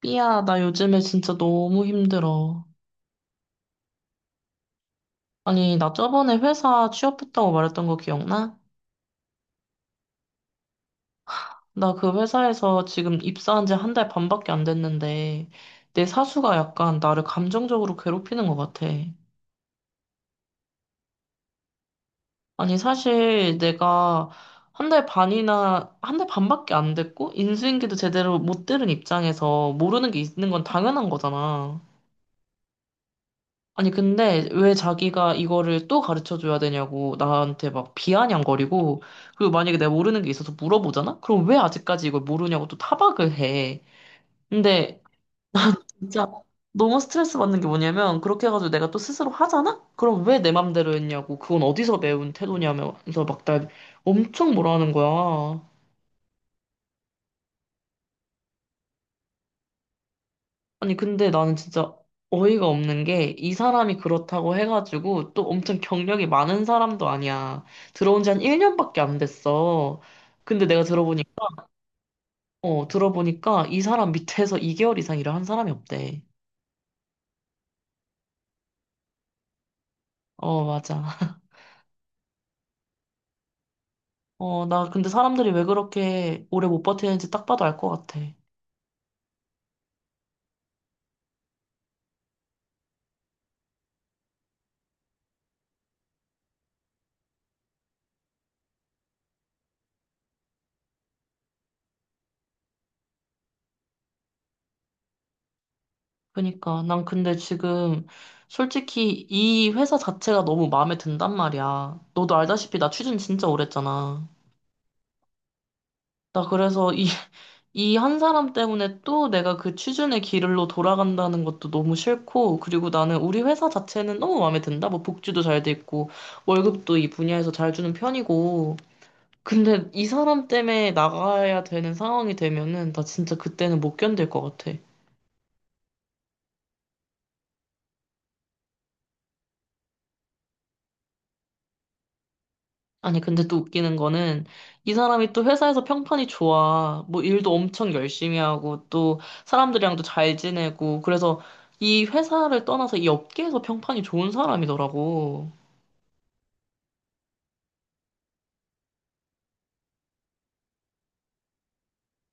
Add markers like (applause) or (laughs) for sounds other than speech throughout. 삐야, 나 요즘에 진짜 너무 힘들어. 아니, 나 저번에 회사 취업했다고 말했던 거 기억나? 나 그 회사에서 지금 입사한 지 한 달 반밖에 안 됐는데, 내 사수가 약간 나를 감정적으로 괴롭히는 것 같아. 아니, 사실 내가 한 달 반이나, 한 달 반밖에 안 됐고, 인수인계도 제대로 못 들은 입장에서 모르는 게 있는 건 당연한 거잖아. 아니, 근데 왜 자기가 이거를 또 가르쳐 줘야 되냐고 나한테 막 비아냥거리고, 그리고 만약에 내가 모르는 게 있어서 물어보잖아? 그럼 왜 아직까지 이걸 모르냐고 또 타박을 해. 근데 진짜 너무 스트레스 받는 게 뭐냐면, 그렇게 해가지고 내가 또 스스로 하잖아? 그럼 왜 내 맘대로 했냐고, 그건 어디서 배운 태도냐면서 막 날 엄청 뭐라 하는 거야. 아니, 근데 나는 진짜 어이가 없는 게 이 사람이 그렇다고 해가지고 또 엄청 경력이 많은 사람도 아니야. 들어온 지 한 1년밖에 안 됐어. 근데 내가 들어보니까, 어, 들어보니까 이 사람 밑에서 2개월 이상 일을 한 사람이 없대. 어, 맞아. 어, 나 근데 사람들이 왜 그렇게 오래 못 버티는지 딱 봐도 알 것 같아. 그니까 난 근데 지금 솔직히 이 회사 자체가 너무 마음에 든단 말이야. 너도 알다시피 나 취준 진짜 오래 했잖아. 나 그래서 이 한 사람 때문에 또 내가 그 취준의 길로 돌아간다는 것도 너무 싫고, 그리고 나는 우리 회사 자체는 너무 마음에 든다. 뭐 복지도 잘 돼 있고, 월급도 이 분야에서 잘 주는 편이고. 근데 이 사람 때문에 나가야 되는 상황이 되면은 나 진짜 그때는 못 견딜 것 같아. 아니, 근데 또 웃기는 거는 이 사람이 또 회사에서 평판이 좋아. 뭐 일도 엄청 열심히 하고, 또 사람들이랑도 잘 지내고, 그래서 이 회사를 떠나서 이 업계에서 평판이 좋은 사람이더라고.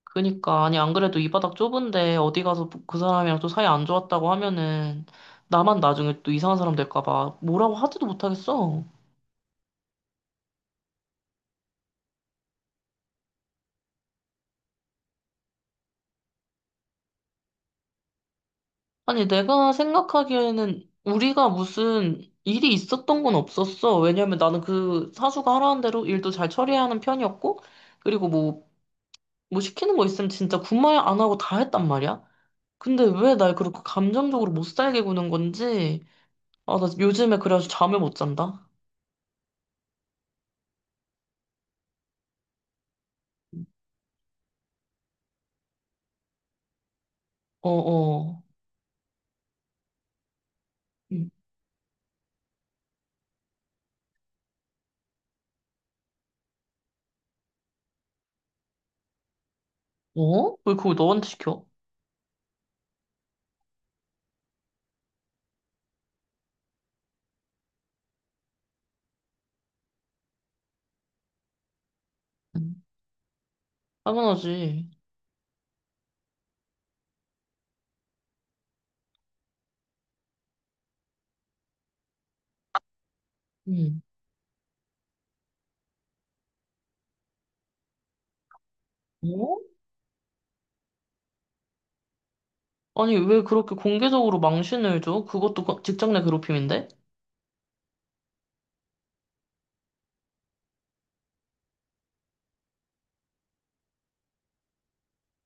그니까 아니 안 그래도 이 바닥 좁은데 어디 가서 그 사람이랑 또 사이 안 좋았다고 하면은 나만 나중에 또 이상한 사람 될까 봐 뭐라고 하지도 못하겠어. 아니 내가 생각하기에는 우리가 무슨 일이 있었던 건 없었어. 왜냐면 나는 그 사수가 하라는 대로 일도 잘 처리하는 편이었고 그리고 뭐 시키는 거 있으면 진짜 군말 안 하고 다 했단 말이야. 근데 왜 날 그렇게 감정적으로 못 살게 구는 건지. 아, 나 요즘에 그래가지고 잠을 못 잔다. 어어. 어? 왜 그걸 너한테 시켜? 음, 당연하지. 음. 어? 아니, 왜 그렇게 공개적으로 망신을 줘? 그것도 거- 직장 내 괴롭힘인데?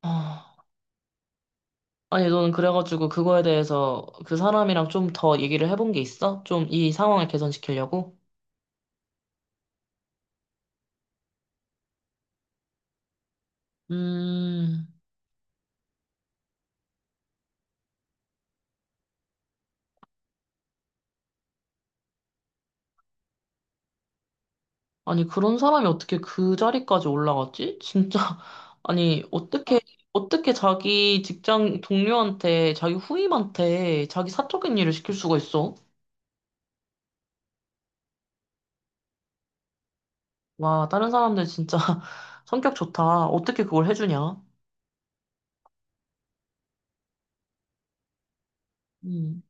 아, 아니, 너는 그래가지고 그거에 대해서 그 사람이랑 좀 더 얘기를 해본 게 있어? 좀 이 상황을 개선시키려고? 음, 아니, 그런 사람이 어떻게 그 자리까지 올라갔지? 진짜, (laughs) 아니, 어떻게, 어떻게 자기 직장 동료한테, 자기 후임한테, 자기 사적인 일을 시킬 수가 있어? 와, 다른 사람들 진짜 (laughs) 성격 좋다. 어떻게 그걸 해주냐? 음.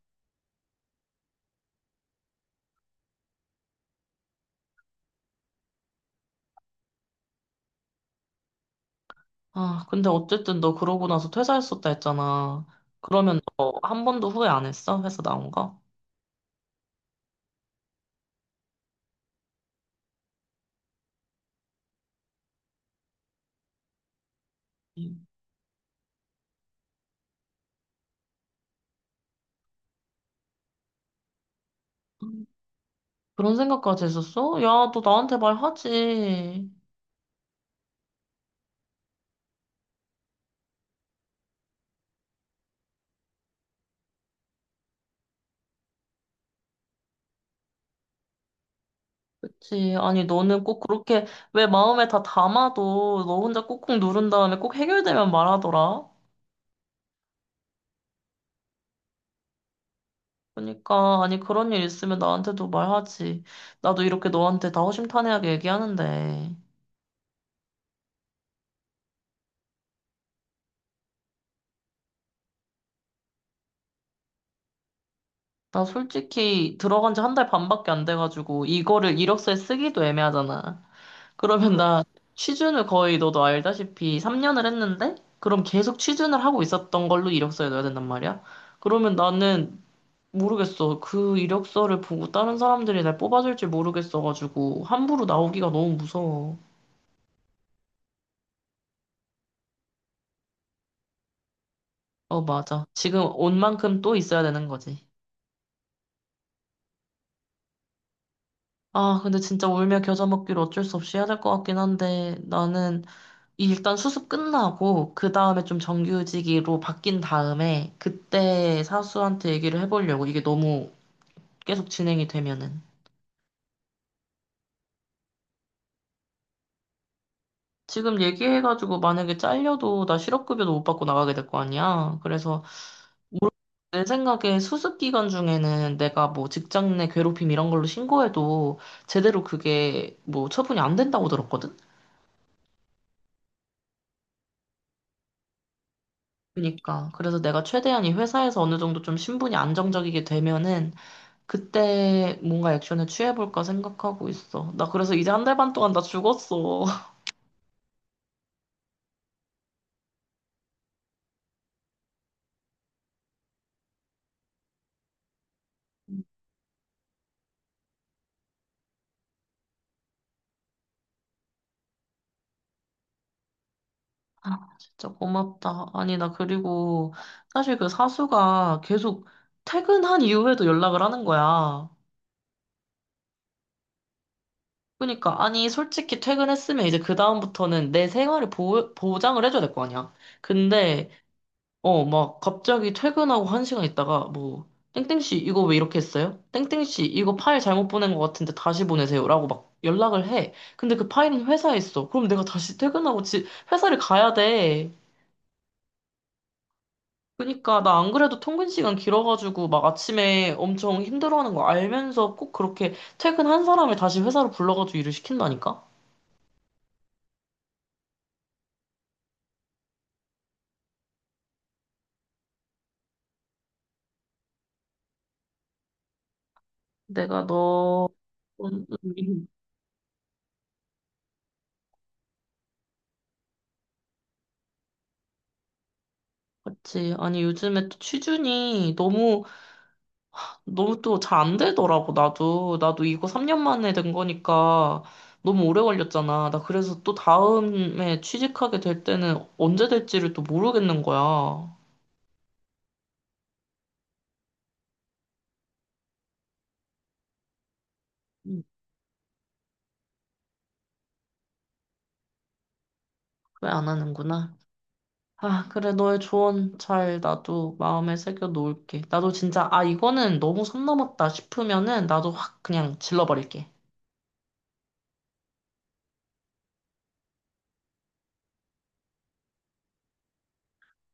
아, 근데 어쨌든 너 그러고 나서 퇴사했었다 했잖아. 그러면 너 한 번도 후회 안 했어? 회사 나온 거? 음. 그런 생각까지 했었어? 야, 너 나한테 말하지. 그치. 아니, 너는 꼭 그렇게 왜 마음에 다 담아도 너 혼자 꾹꾹 누른 다음에 꼭 해결되면 말하더라. 그러니까, 아니, 그런 일 있으면 나한테도 말하지. 나도 이렇게 너한테 다 허심탄회하게 얘기하는데. 나 솔직히 들어간 지 한 달 반밖에 안 돼가지고 이거를 이력서에 쓰기도 애매하잖아. 그러면 응. 나 취준을 거의 너도 알다시피 3년을 했는데 그럼 계속 취준을 하고 있었던 걸로 이력서에 넣어야 된단 말이야. 그러면 나는 모르겠어. 그 이력서를 보고 다른 사람들이 날 뽑아줄지 모르겠어가지고 함부로 나오기가 너무 무서워. 어, 맞아. 지금 온 만큼 또 있어야 되는 거지. 아, 근데 진짜 울며 겨자 먹기로 어쩔 수 없이 해야 될 것 같긴 한데 나는 일단 수습 끝나고 그 다음에 좀 정규직으로 바뀐 다음에 그때 사수한테 얘기를 해보려고. 이게 너무 계속 진행이 되면은 지금 얘기해가지고 만약에 잘려도 나 실업급여도 못 받고 나가게 될 거 아니야. 그래서 올- 내 생각에 수습 기간 중에는 내가 뭐 직장 내 괴롭힘 이런 걸로 신고해도 제대로 그게 뭐 처분이 안 된다고 들었거든. 그러니까 그래서 내가 최대한 이 회사에서 어느 정도 좀 신분이 안정적이게 되면은 그때 뭔가 액션을 취해볼까 생각하고 있어. 나 그래서 이제 한 달 반 동안 나 죽었어. (laughs) 진짜 고맙다. 아니, 나 그리고 사실 그 사수가 계속 퇴근한 이후에도 연락을 하는 거야. 그러니까, 아니, 솔직히 퇴근했으면 이제 그다음부터는 내 생활을 보, 보장을 해줘야 될 거 아니야. 근데 어, 막 갑자기 퇴근하고 한 시간 있다가 뭐 땡땡씨 이거 왜 이렇게 했어요? 땡땡씨 이거 파일 잘못 보낸 것 같은데 다시 보내세요라고 막 연락을 해. 근데 그 파일은 회사에 있어. 그럼 내가 다시 퇴근하고 지, 회사를 가야 돼. 그러니까 나 안 그래도 통근 시간 길어가지고 막 아침에 엄청 힘들어하는 거 알면서 꼭 그렇게 퇴근한 사람을 다시 회사로 불러가지고 일을 시킨다니까? 내가 너 음, 음, 음. 그치. 아니, 요즘에 또 취준이 너무 너무 또 잘 안 되더라고, 나도. 나도 이거 3년 만에 된 거니까 너무 오래 걸렸잖아. 나 그래서 또 다음에 취직하게 될 때는 언제 될지를 또 모르겠는 거야. 왜 안 하는구나. 아, 그래, 너의 조언 잘 나도 마음에 새겨 놓을게. 나도 진짜, 아, 이거는 너무 선 넘었다 싶으면은 나도 확 그냥 질러버릴게.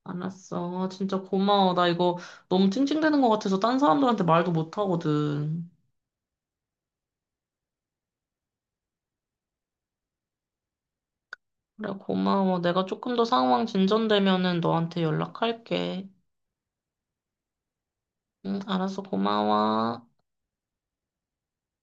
알았어. 진짜 고마워. 나 이거 너무 찡찡대는 것 같아서 딴 사람들한테 말도 못 하거든. 그래, 고마워. 내가 조금 더 상황 진전되면은 너한테 연락할게. 응, 알았어, 고마워.